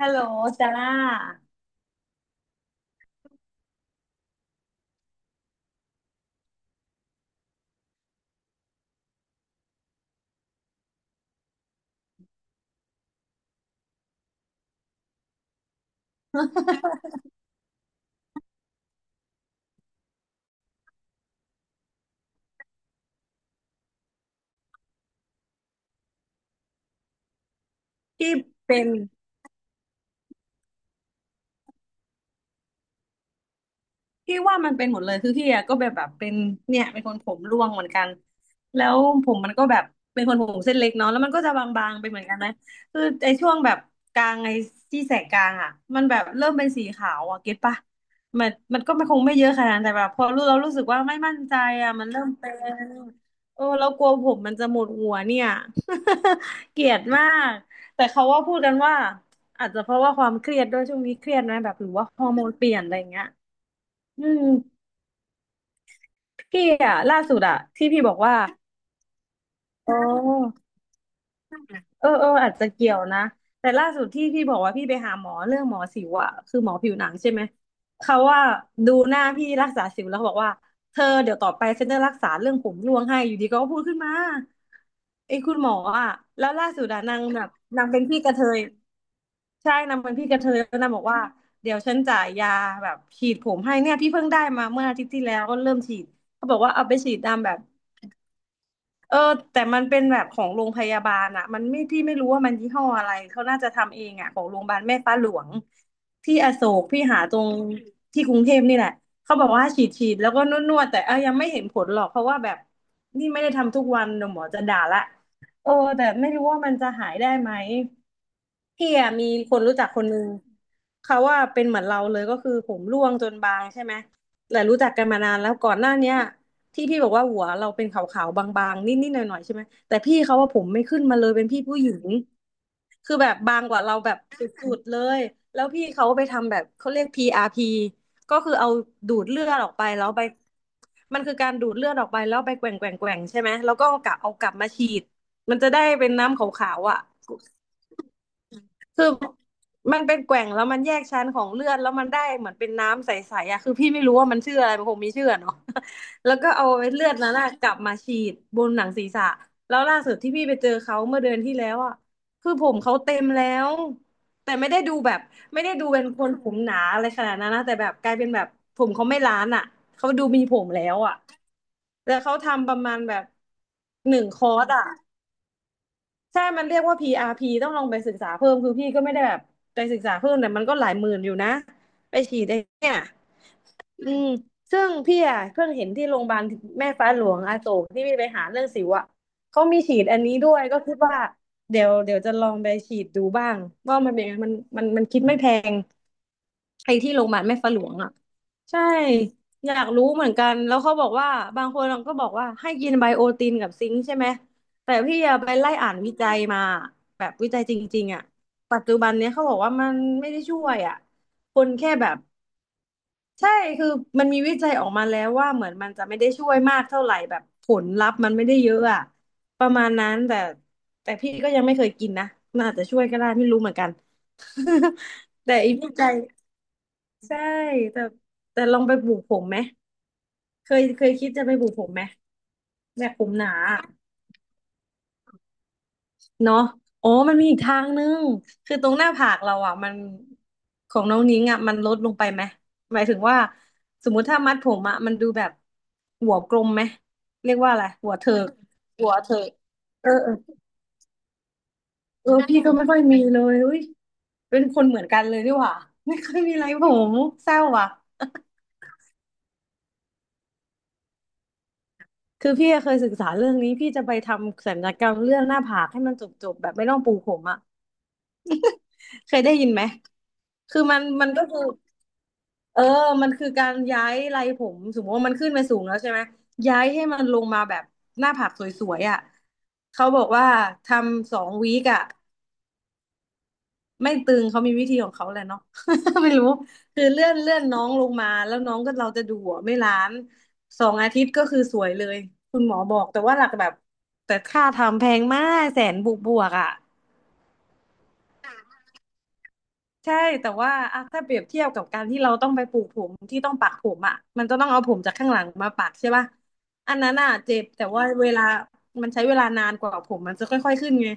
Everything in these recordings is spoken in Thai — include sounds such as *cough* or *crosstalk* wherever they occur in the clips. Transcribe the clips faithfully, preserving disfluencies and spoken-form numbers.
ฮัลโหลซาร่าที่เป็น พี่ว่ามันเป็นหมดเลยคือพี่อะก็แบบแบบเป็นเนี่ยเป็นคนผมร่วงเหมือนกันแล้วผมมันก็แบบเป็นคนผมเส้นเล็กเนาะแล้วมันก็จะบางๆไปเหมือนกันนะคือไอ้ช่วงแบบกลางไอ้ที่แสกกลางอะมันแบบเริ่มเป็นสีขาวอะเก็ตปะมันมันก็ไม่คงไม่เยอะขนาดนั้นแต่แบบพอรู้เรารู้สึกว่าไม่มั่นใจอะมันเริ่มเป็นเออเรากลัวผมมันจะหมดหัวเนี่ย *laughs* เกลียดมากแต่เขาว่าพูดกันว่าอาจจะเพราะว่าความเครียดด้วยช่วงนี้เครียดนะแบบหรือว่าฮอร์โมนเปลี่ยนอะไรอย่างเงี้ยอืม พี่อ่ะล่าสุดอะที่พี่บอกว่าอ๋อเออเอออาจจะเกี่ยวนะแต่ล่าสุดที่พี่บอกว่าพี่ไปหาหมอเรื่องหมอสิวอะคือหมอผิวหนังใช่ไหมเขาว่าดูหน้าพี่รักษาสิวแล้วเขาบอกว่าเธอเดี๋ยวต่อไปฉันจะรักษาเรื่องผมร่วงให้อยู่ดีก็พูดขึ้นมาไอ้คุณหมออะแล้วล่าสุดอะนางแบบนางเป็นพี่กระเทยใช่นางเป็นพี่กระเทยแล้วนางบอกว่าเดี๋ยวฉันจ่ายยาแบบฉีดผมให้เนี่ยพี่เพิ่งได้มาเมื่ออาทิตย์ที่แล้วก็เริ่มฉีดเขาบอกว่าเอาไปฉีดตามแบบ เออแต่มันเป็นแบบของโรงพยาบาลอะมันไม่พี่ไม่รู้ว่ามันยี่ห้ออะไรเขาน่าจะทำเองอะของโรงพยาบาลแม่ฟ้าหลวงที่อโศกพี่หาตรงที่กรุงเทพนี่แหละเขาบอกว่าฉีดฉีดแล้วก็นวดนวดแต่เออยังไม่เห็นผลหรอกเพราะว่าแบบนี่ไม่ได้ทำทุกวันเดี๋ยวหมอจะด่าละเออแต่ไม่รู้ว่ามันจะหายได้ไหมพี่อะมีคนรู้จักคนนึงเขาว่าเป็นเหมือนเราเลยก็คือผมร่วงจนบางใช่ไหมแต่รู้จักกันมานานแล้วก่อนหน้าเนี้ย ที่พี่บอกว่าหัวเราเป็นขาวๆบางๆนิดๆหน่อยๆใช่ไหมแต่พี่เขาว่าผมไม่ขึ้นมาเลยเป็นพี่ผู้หญิงคือแบบบางกว่าเราแบบสุดๆเลยแล้วพี่เขาไปทำแบบเขาเรียก พี อาร์ พี ก็คือเอาดูดเลือดออกไปแล้วไปมันคือการดูดเลือดออกไปแล้วไปแกว่งแกว่งแกว่งใช่ไหมแล้วก็เอากลับเอากลับมาฉีดมันจะได้เป็นน้ำขาวๆอ่ะ คือมันเป็นแกว่งแล้วมันแยกชั้นของเลือดแล้วมันได้เหมือนเป็นน้ำใสๆอ่ะคือพี่ไม่รู้ว่ามันชื่ออะไรมันคงมีชื่ออะเนาะ *laughs* แล้วก็เอาไอ้เลือดนั้นอะกลับมาฉีดบนหนังศีรษะแล้วล่าสุดที่พี่ไปเจอเขาเมื่อเดือนที่แล้วอ่ะคือผมเขาเต็มแล้วแต่ไม่ได้ดูแบบไม่ได้ดูเป็นคนผมหนาอะไรขนาดนั้นนะแต่แบบกลายเป็นแบบผมเขาไม่ล้านอ่ะเขาดูมีผมแล้วอ่ะแล้วเขาทำประมาณแบบหนึ่งคอร์สอ่ะ ใช่มันเรียกว่า พี อาร์ พี ต้องลองไปศึกษาเพิ่มคือพี่ก็ไม่ได้แบบไปศึกษาเพิ่มแต่มันก็หลายหมื่นอยู่นะไปฉีดไอ้เนี่ยอืมซึ่งพี่อ่ะเพิ่งเห็นที่โรงพยาบาลแม่ฟ้าหลวงอโศกที่พี่ไปหาเรื่องสิวอ่ะ เขามีฉีดอันนี้ด้วยก็คิดว่าเดี๋ยวเดี๋ยวจะลองไปฉีดดูบ้างว่ามันเป็นยังไงมันมันมันคิดไม่แพง ไอ้ที่โรงพยาบาลแม่ฟ้าหลวงอ่ะใช่อยากรู้เหมือนกันแล้วเขาบอกว่าบางคนก็บอกว่าให้กินไบโอตินกับซิงค์ใช่ไหมแต่พี่อะไปไล่อ่านวิจัยมาแบบวิจัยจริงๆอ่ะปัจจุบันเนี้ยเขาบอกว่ามันไม่ได้ช่วยอ่ะคนแค่แบบใช่คือมันมีวิจัยออกมาแล้วว่าเหมือนมันจะไม่ได้ช่วยมากเท่าไหร่แบบผลลัพธ์มันไม่ได้เยอะอ่ะประมาณนั้นแต่แต่พี่ก็ยังไม่เคยกินนะมันอาจจะช่วยก็ได้ไม่รู้เหมือนกัน *laughs* แต่อีกวิจัย ใช่แต่แต่ลองไปปลูกผมไหมเคยเคยคิดจะไปปลูกผมไหมแบบผมหนาอะเนาะอ๋อมันมีอีกทางนึงคือตรงหน้าผากเราอ่ะมันของน้องนิ้งอ่ะมันลดลงไปไหมหมายถึงว่าสมมุติถ้ามัดผมอ่ะมันดูแบบหัวกลมไหมเรียกว่าอะไรหัวเถิกหัวเถิกเออเออเออพี่ก็ไม่ค่อยมีเลยอุ้ยเป็นคนเหมือนกันเลยดีกว่าไม่ค่อยมีไรผมเศร้าว่ะ คือพี่อะเคยศึกษาเรื่องนี้พี่จะไปทำศัลยกรรมเรื่องหน้าผากให้มันจบๆแบบไม่ต้องปูผมอะเคยได้ยินไหมคือมันมันก็คือเออมันคือการย้ายไรผมสมมติว่ามันขึ้นไปสูงแล้วใช่ไหมย้ายให้มันลงมาแบบหน้าผากสวยๆอ่ะเขาบอกว่าทำสองวีคอ่ะ ไม่ตึงเขามีวิธีของเขาแหละเนาะ *laughs* ไม่รู้คือเลื่อนเลื่อนน้องลงมาแล้วน้องก็เราจะดูหัวไม่ล้านสองอาทิตย์ก็คือสวยเลยคุณหมอบอกแต่ว่าหลักแบบแต่ค่าทำแพงมากแสนบวกบวกอ่ะ ใช่แต่ว่าอ่ะถ้าเปรียบเทียบกับการที่เราต้องไปปลูกผมที่ต้องปักผมอ่ะมันจะต้องเอาผมจากข้างหลังมาปักใช่ป่ะอันนั้นอ่ะเจ็บแต่ว่าเวลามันใช้เวลานานกว่าผมมันจะค่อยๆขึ้นไง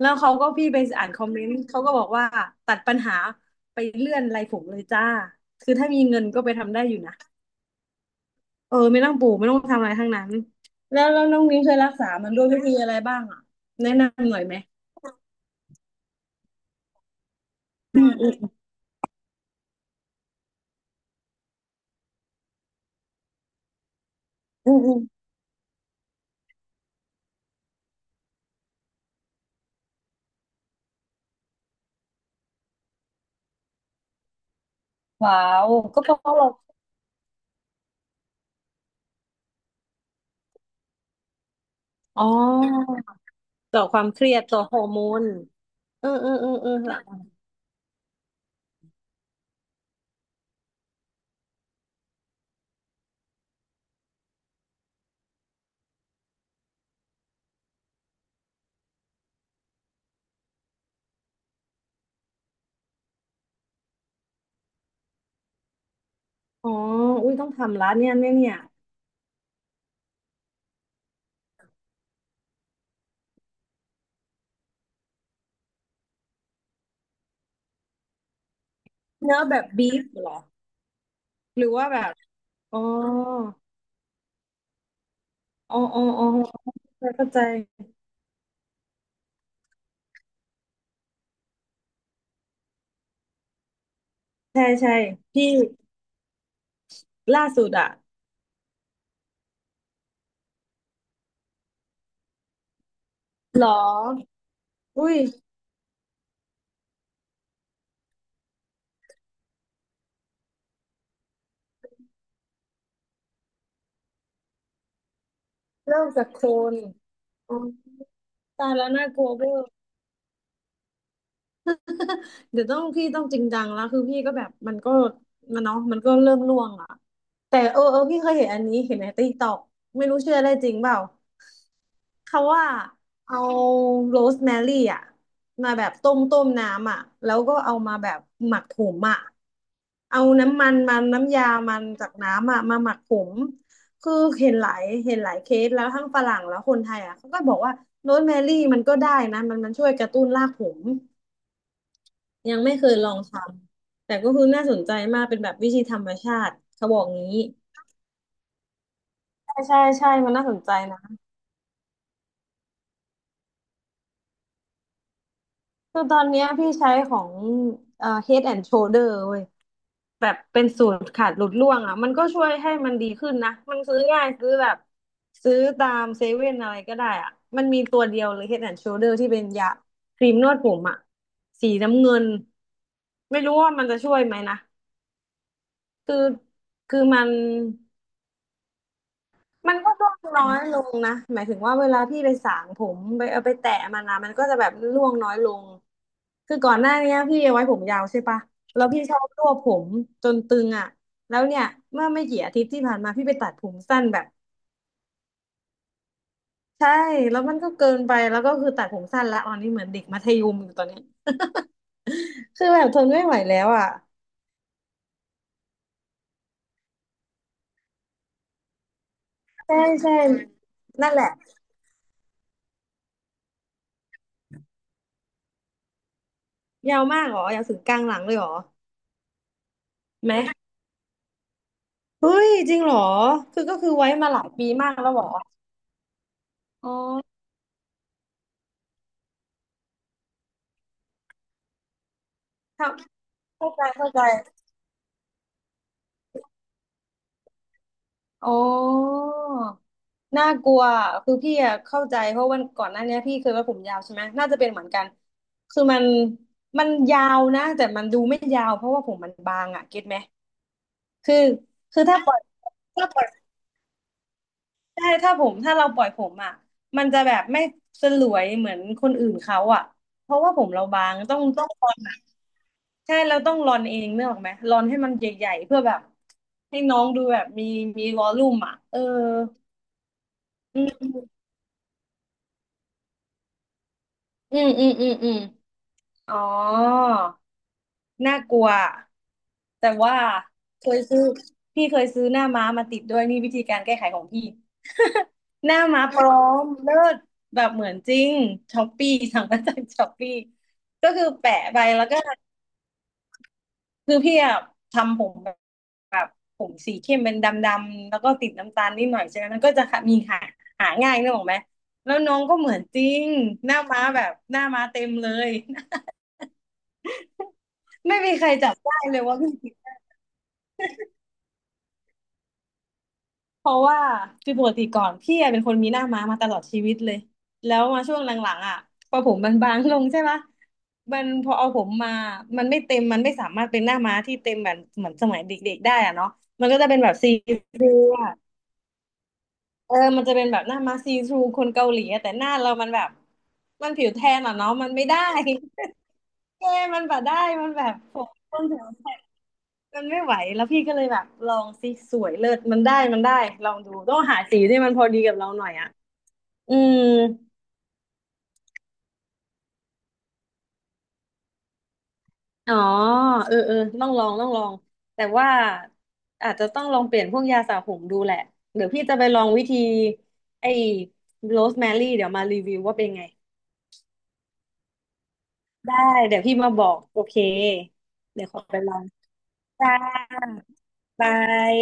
แล้วเขาก็พี่ไปอ่านคอมเมนต์เขาก็บอกว่าตัดปัญหาไปเลื่อนไรผมเลยจ้าคือถ้ามีเงินก็ไปทำได้อยู่นะเออไม่ต้องปลูกไม่ต้องทำอะไรทั้งนั้นแล้วแล้วน้องนิ้งเคยรักษามันด้วยวิธีอะไรบ้างอ่ะแนะนำหน่อยไหมอืมอืมอืมอืมว้าวก็เพราะเราอ๋อ ต่อความเครียดต่อฮอร์โมนเออเออเออเออหรออ๋ออุ้ยต้องทำละเนี่ยเนี่ยเนี่ยเนื้อแบบบีฟเหรอหรือว่าแบบ อ๋ออ๋ออ๋ออ๋อเข้าใจเข้าใจใช่ใช่พี่ล่าสุดอะเหรออุ้ยเริ่มจากโคลนอ๋อตายแล้วน่ากลัวเวอร์ *laughs* เดี๋ยวต้องพี่ต้องจริงจังแล้วคือพี่ก็แบบมันก็มันเนาะมันก็เริ่มร่วงอ่ะแต่เออเออพี่เคยเห็นอันนี้เห็นในติ๊กต็อกไม่รู้เชื่อได้จริงเปล่าเขาว่าเอาโรสแมรี่อ่ะมาแบบต้มต้มน้ำอ่ะแล้วก็เอามาแบบหมักผงอ่ะเอาน้ำมันมันน้ำยามันจากน้ำอ่ะมาหมักผมคือเห็นหลายเห็นหลายเคสแล้วทั้งฝรั่งแล้วคนไทยอ่ะเขาก็บอกว่าโรสแมรี่มันก็ได้นะมันมันช่วยกระตุ้นรากผม ยังไม่เคยลองทำแต่ก็คือน่าสนใจมากเป็นแบบวิธีธรรมชาติเขาบอกงี้ใช่ใช่ใช่มันน่าสนใจนะคือตอนเนี้ยพี่ใช้ของเอ่อ Head and Shoulder เว้ยแบบเป็นสูตรขาดหลุดร่วงอ่ะมันก็ช่วยให้มันดีขึ้นนะมันซื้อง่ายซื้อแบบซื้อตามเซเว่นอะไรก็ได้อ่ะมันมีตัวเดียวเลย Head and Shoulder ที่เป็นยาครีมนวดผมอ่ะสีน้ำเงินไม่รู้ว่ามันจะช่วยไหมนะคือคือมัน มันก็ร่วงน้อยลงนะหมายถึงว่าเวลาพี่ไปสางผมไปเอาไปแตะมันนะมันก็จะแบบร่วงน้อยลงคือก่อนหน้าเนี้ยพี่เอาไว้ผมยาวใช่ปะแล้วพี่ชอบรวบผมจนตึงอ่ะแล้วเนี่ยเมื่อไม่กี่อาทิตย์ที่ผ่านมาพี่ไปตัดผมสั้นแบบใช่แล้วมันก็เกินไปแล้วก็คือตัดผมสั้นละตอนนี้เหมือนเด็กมัธยมอยู่ตอนเนี้ยคือแบบทนไม่ไหวแล้วอ่ะใช่ใช่นั่นแหละยาวมากเหรอยาวถึงกลางหลังเลยเหรอไหมเฮ้ยจริงเหรอคือก็คือไว้มาหลายปีมากแล้วเหรออ๋อ เข้าเข้าใจเข้าใจอ๋อน่ากลัวอะคือพี่อะเข้าใจเพราะวันก่อนหน้าเนี้ยพี่เคยไว้ผมยาวใช่ไหมน่าจะเป็นเหมือนกันคือมันมันยาวนะ แต่มันดูไม่ยาวเพราะว่าผมมันบางอะเก็ตไหมคือคือถ้าปล่อยถ้าปล่อยใช่ถ้าผมถ้าเราปล่อยผมอะมันจะแบบไม่สลวยเหมือนคนอื่นเขาอะเพราะว่าผมเราบางต้องต้องตอน ใช่เราต้องรอนเองเนกออกไหมรอนให้มันใหญ่ๆเพื่อแบบให้น้องดูแบบมีมีวอลลุ่มอ่ะเอออืมอืมอืมอืมอืมอ๋อน่ากลัวแต่ว่าเคยซื้อพี่เคยซื้อหน้าม้ามาติดด้วยนี่วิธีการแก้ไขของพี่หน้าม้าพร้อมเลิศแบบเหมือนจริงช้อปปี้สั่งมาจากช้อปปี้ก็คือแปะไปแล้วก็ คือพี่อะทำผมแบบผมสีเข้มเป็นดำๆแล้วก็ติดน้ำตาลนิดหน่อยใช่ไหมมันก็จะมีหาหาง่ายนึกออกไหมแล้วน้องก็เหมือนจริงหน้าม้าแบบหน้าม้าเต็มเลย *laughs* ไม่มีใครจับได้เลยว่าพี่ติดเพราะว่าคือปกติก่อนพี่อะเป็นคนมีหน้าม้ามาตลอดชีวิตเลยแล้วมาช่วงหลังๆอ่ะพอผมมันบางลงใช่ปะมันพอเอาผมมามันไม่เต็มมันไม่สามารถเป็นหน้าม้าที่เต็มแบบเหมือนสมัยเด็กๆได้อะเนาะมันก็จะเป็นแบบซีทรู เออมันจะเป็นแบบหน้ามาซีทรูคนเกาหลีอะแต่หน้าเรามันแบบมันผิวแทนอ่ะเนาะมันไม่ได้ *laughs* เอ้มันแบบได้มันแบบผมต้นแถวแ่มันไม่ไหวแล้วพี่ก็เลยแบบลองสิสวยเลิศมันได้มันได้ลองดูต้องหาสีที่มันพอดีกับเราหน่อยอ่ะอืมอ๋อเออเออต้องลองต้องลองแต่ว่าอาจจะต้องลองเปลี่ยนพวกยาสระผมดูแหละเดี๋ยวพี่จะไปลองวิธีไอ้โรสแมรี่เดี๋ยวมารีวิวว่าเป็นไง ได้เดี๋ยวพี่มาบอกโอเคเดี๋ยวขอไปลองจ้าบาย